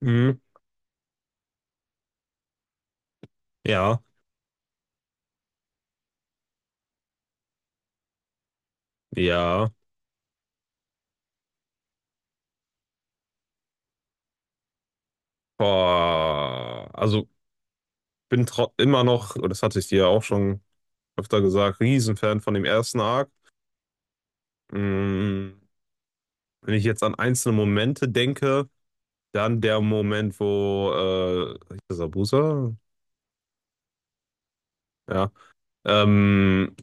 Mhm. Ja, ja. Boah. Also bin immer noch, und das hatte ich dir ja auch schon öfter gesagt, Riesenfan von dem ersten Arc. Mhm. Wenn ich jetzt an einzelne Momente denke, dann der Moment, wo hieß das Abusa, ja, ähm,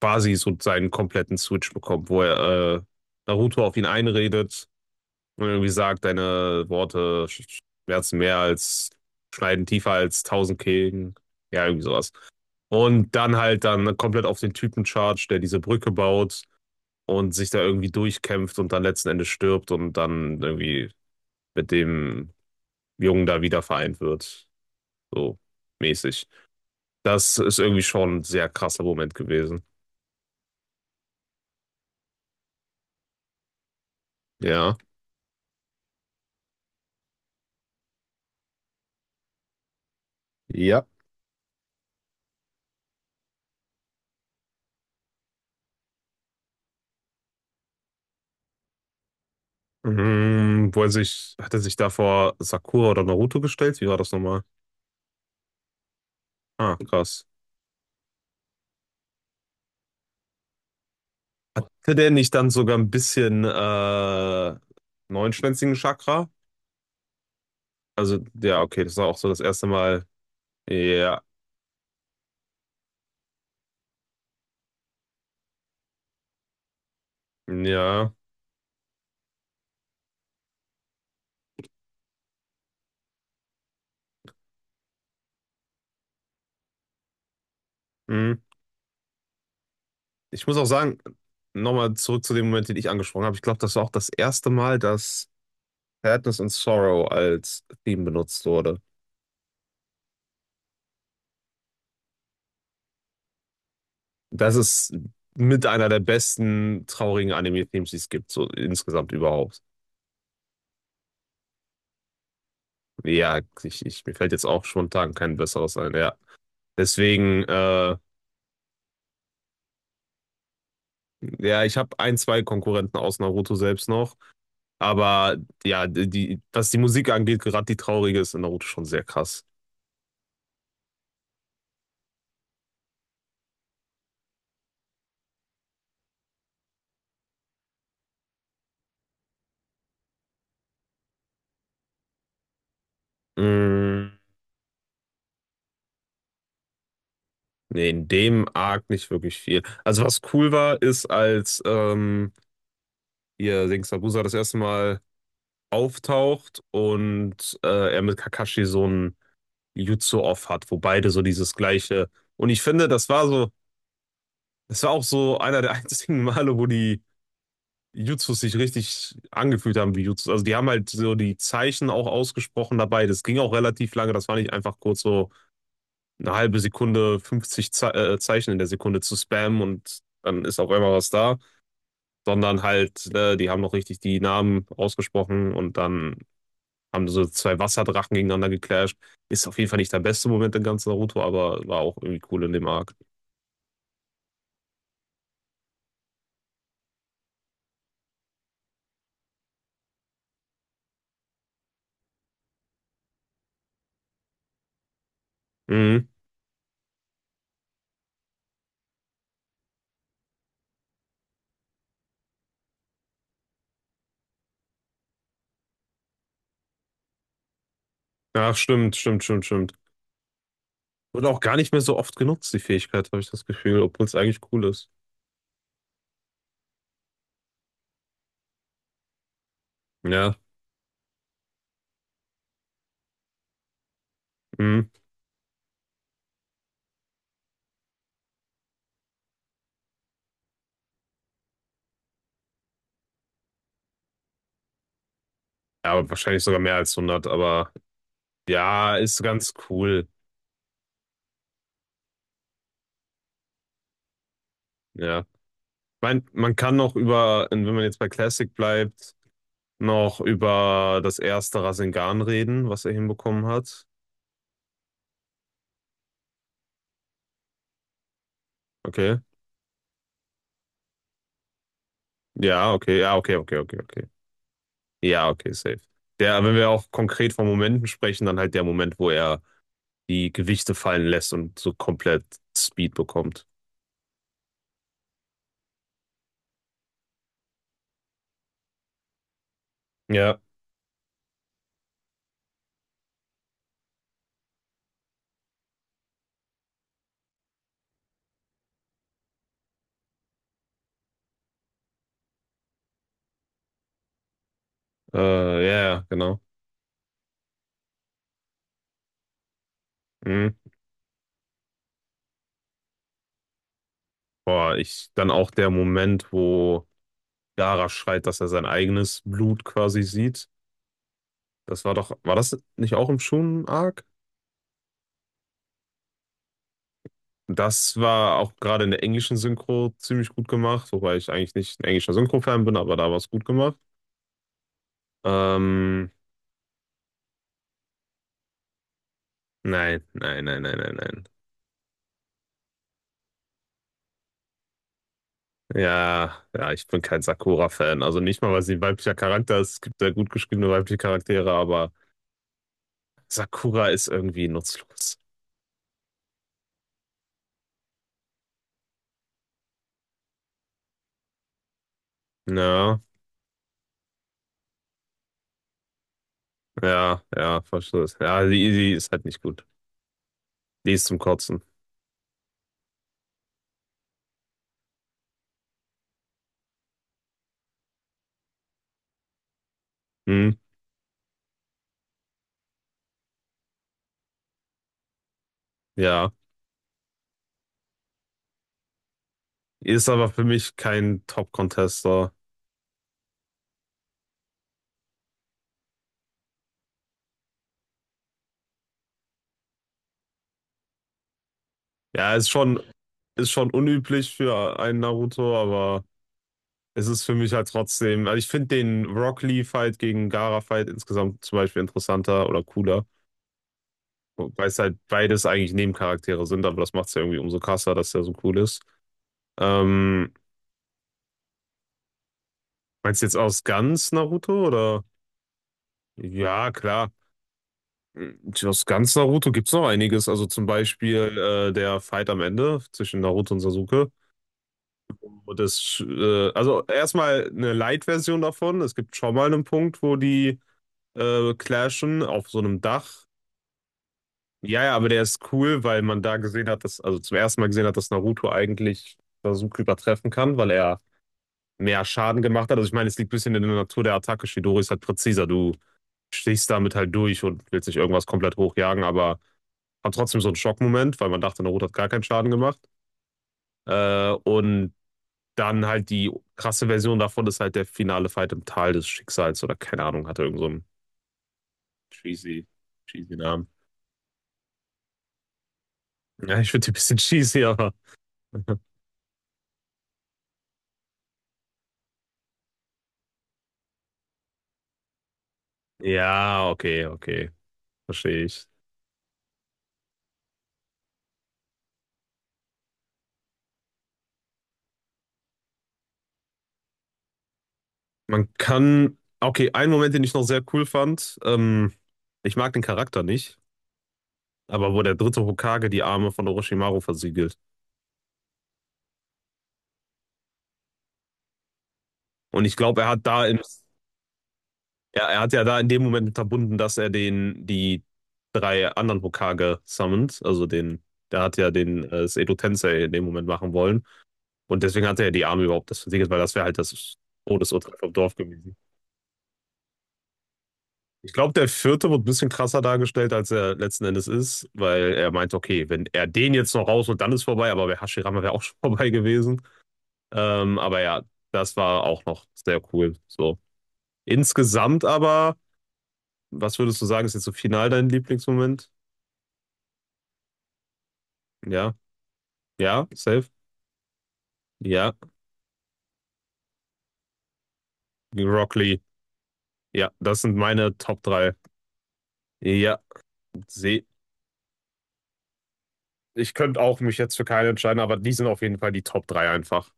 quasi so seinen kompletten Switch bekommt, wo er Naruto auf ihn einredet und irgendwie sagt, deine Worte schmerzen mehr als, schneiden tiefer als 1000 Kehlen. Ja, irgendwie sowas. Und dann halt dann komplett auf den Typen charge, der diese Brücke baut und sich da irgendwie durchkämpft und dann letzten Endes stirbt und dann irgendwie mit dem Jungen da wieder vereint wird. So mäßig. Das ist irgendwie schon ein sehr krasser Moment gewesen. Ja. Ja. Mhm, hat er sich da vor Sakura oder Naruto gestellt? Wie war das nochmal? Ah, krass. Hätte der nicht dann sogar ein bisschen neunschwänzigen Chakra? Also, ja, okay, das war auch so das erste Mal. Ja, ja. Hm. Ich muss auch sagen, nochmal zurück zu dem Moment, den ich angesprochen habe. Ich glaube, das war auch das erste Mal, dass Sadness and Sorrow als Theme benutzt wurde. Das ist mit einer der besten traurigen Anime-Themes, die es gibt, so insgesamt überhaupt. Ja, mir fällt jetzt auch spontan kein besseres ein, ja. Deswegen, ja, ich habe ein, zwei Konkurrenten aus Naruto selbst noch. Aber ja, die, was die Musik angeht, gerade die traurige ist in Naruto schon sehr krass. Mm, nee, in dem Arc nicht wirklich viel. Also was cool war, ist, als hier Sengoku das erste Mal auftaucht und er mit Kakashi so ein Jutsu-Off hat, wo beide so dieses gleiche. Und ich finde, das war auch so einer der einzigen Male, wo die Jutsus sich richtig angefühlt haben wie Jutsus. Also die haben halt so die Zeichen auch ausgesprochen dabei. Das ging auch relativ lange. Das war nicht einfach kurz so eine halbe Sekunde, 50 Ze Zeichen in der Sekunde zu spammen und dann ist auf einmal was da, sondern halt, die haben noch richtig die Namen ausgesprochen und dann haben so zwei Wasserdrachen gegeneinander geclasht. Ist auf jeden Fall nicht der beste Moment in ganz Naruto, aber war auch irgendwie cool in dem Arc. Mhm. Ach, stimmt, stimmt, stimmt, stimmt. Wird auch gar nicht mehr so oft genutzt, die Fähigkeit, habe ich das Gefühl, obwohl es eigentlich cool ist. Ja, mhm. Ja, aber wahrscheinlich sogar mehr als 100, aber ja, ist ganz cool. Ja. Ich mein, man kann noch über, wenn man jetzt bei Classic bleibt, noch über das erste Rasengan reden, was er hinbekommen hat. Okay. Ja, okay, ja, okay, okay, okay, okay. Ja, okay, safe. Der, wenn wir auch konkret von Momenten sprechen, dann halt der Moment, wo er die Gewichte fallen lässt und so komplett Speed bekommt. Ja, ja, ja, genau. Mhm. Boah, dann auch der Moment, wo Gaara schreit, dass er sein eigenes Blut quasi sieht. Das war doch, war das nicht auch im Shonen-Arc? Das war auch gerade in der englischen Synchro ziemlich gut gemacht, wobei ich eigentlich nicht ein englischer Synchro-Fan bin, aber da war es gut gemacht. Ähm, nein, nein, nein, nein, nein, nein. Ja, ja, ich bin kein Sakura-Fan. Also nicht mal, weil sie ein weiblicher Charakter ist. Es gibt sehr gut geschriebene weibliche Charaktere, aber Sakura ist irgendwie nutzlos. Ja, ja, ja, verstehe. Ja, die ist halt nicht gut. Die ist zum Kotzen. Hm, ja. Ist aber für mich kein Top-Contester. Ja, ist schon unüblich für einen Naruto, aber es ist für mich halt trotzdem. Also ich finde den Rock Lee-Fight gegen Gaara-Fight insgesamt zum Beispiel interessanter oder cooler. Weil es halt beides eigentlich Nebencharaktere sind, aber das macht es ja irgendwie umso krasser, dass der so cool ist. Ähm, Meinst du jetzt aus ganz Naruto oder? Ja, klar. Hm, Aus ganz Naruto gibt es noch einiges. Also zum Beispiel der Fight am Ende zwischen Naruto und Sasuke. Und das, also erstmal eine Light-Version davon. Es gibt schon mal einen Punkt, wo die clashen auf so einem Dach. Ja, ja, aber der ist cool, weil man da gesehen hat, dass, also zum ersten Mal gesehen hat, dass Naruto eigentlich Sasuke übertreffen kann, weil er mehr Schaden gemacht hat. Also ich meine, es liegt ein bisschen in der Natur der Attacke. Shidori ist halt präziser. Du stichst damit halt durch und willst nicht irgendwas komplett hochjagen, aber hat trotzdem so einen Schockmoment, weil man dachte, Naruto hat gar keinen Schaden gemacht. Und dann halt die krasse Version davon ist halt der finale Fight im Tal des Schicksals oder keine Ahnung, hat er irgend so einen cheesy, cheesy Namen. Ja, ich finde die ein bisschen cheesy, aber. Ja, okay, okay. Verstehe ich. Man kann. Okay, ein Moment, den ich noch sehr cool fand. Ich mag den Charakter nicht, aber wo der dritte Hokage die Arme von Orochimaru versiegelt. Und ich glaube, er hat da im ja, er hat ja da in dem Moment unterbunden, dass er den, die drei anderen Hokage summont. Also den, der hat ja den Edo Tensei in dem Moment machen wollen. Und deswegen hat er ja die Arme überhaupt das versiegelt, weil das wäre halt das Todesurteil vom Dorf gewesen. Ich glaube, der vierte wird ein bisschen krasser dargestellt, als er letzten Endes ist, weil er meint, okay, wenn er den jetzt noch raus und dann ist vorbei, aber bei Hashirama wäre auch schon vorbei gewesen. Aber ja, das war auch noch sehr cool. So. Insgesamt aber, was würdest du sagen, ist jetzt so final dein Lieblingsmoment? Ja, ja, safe. Ja, Rock Lee. Ja, das sind meine Top 3. Ja, seh. Ich könnte auch mich jetzt für keinen entscheiden, aber die sind auf jeden Fall die Top 3 einfach.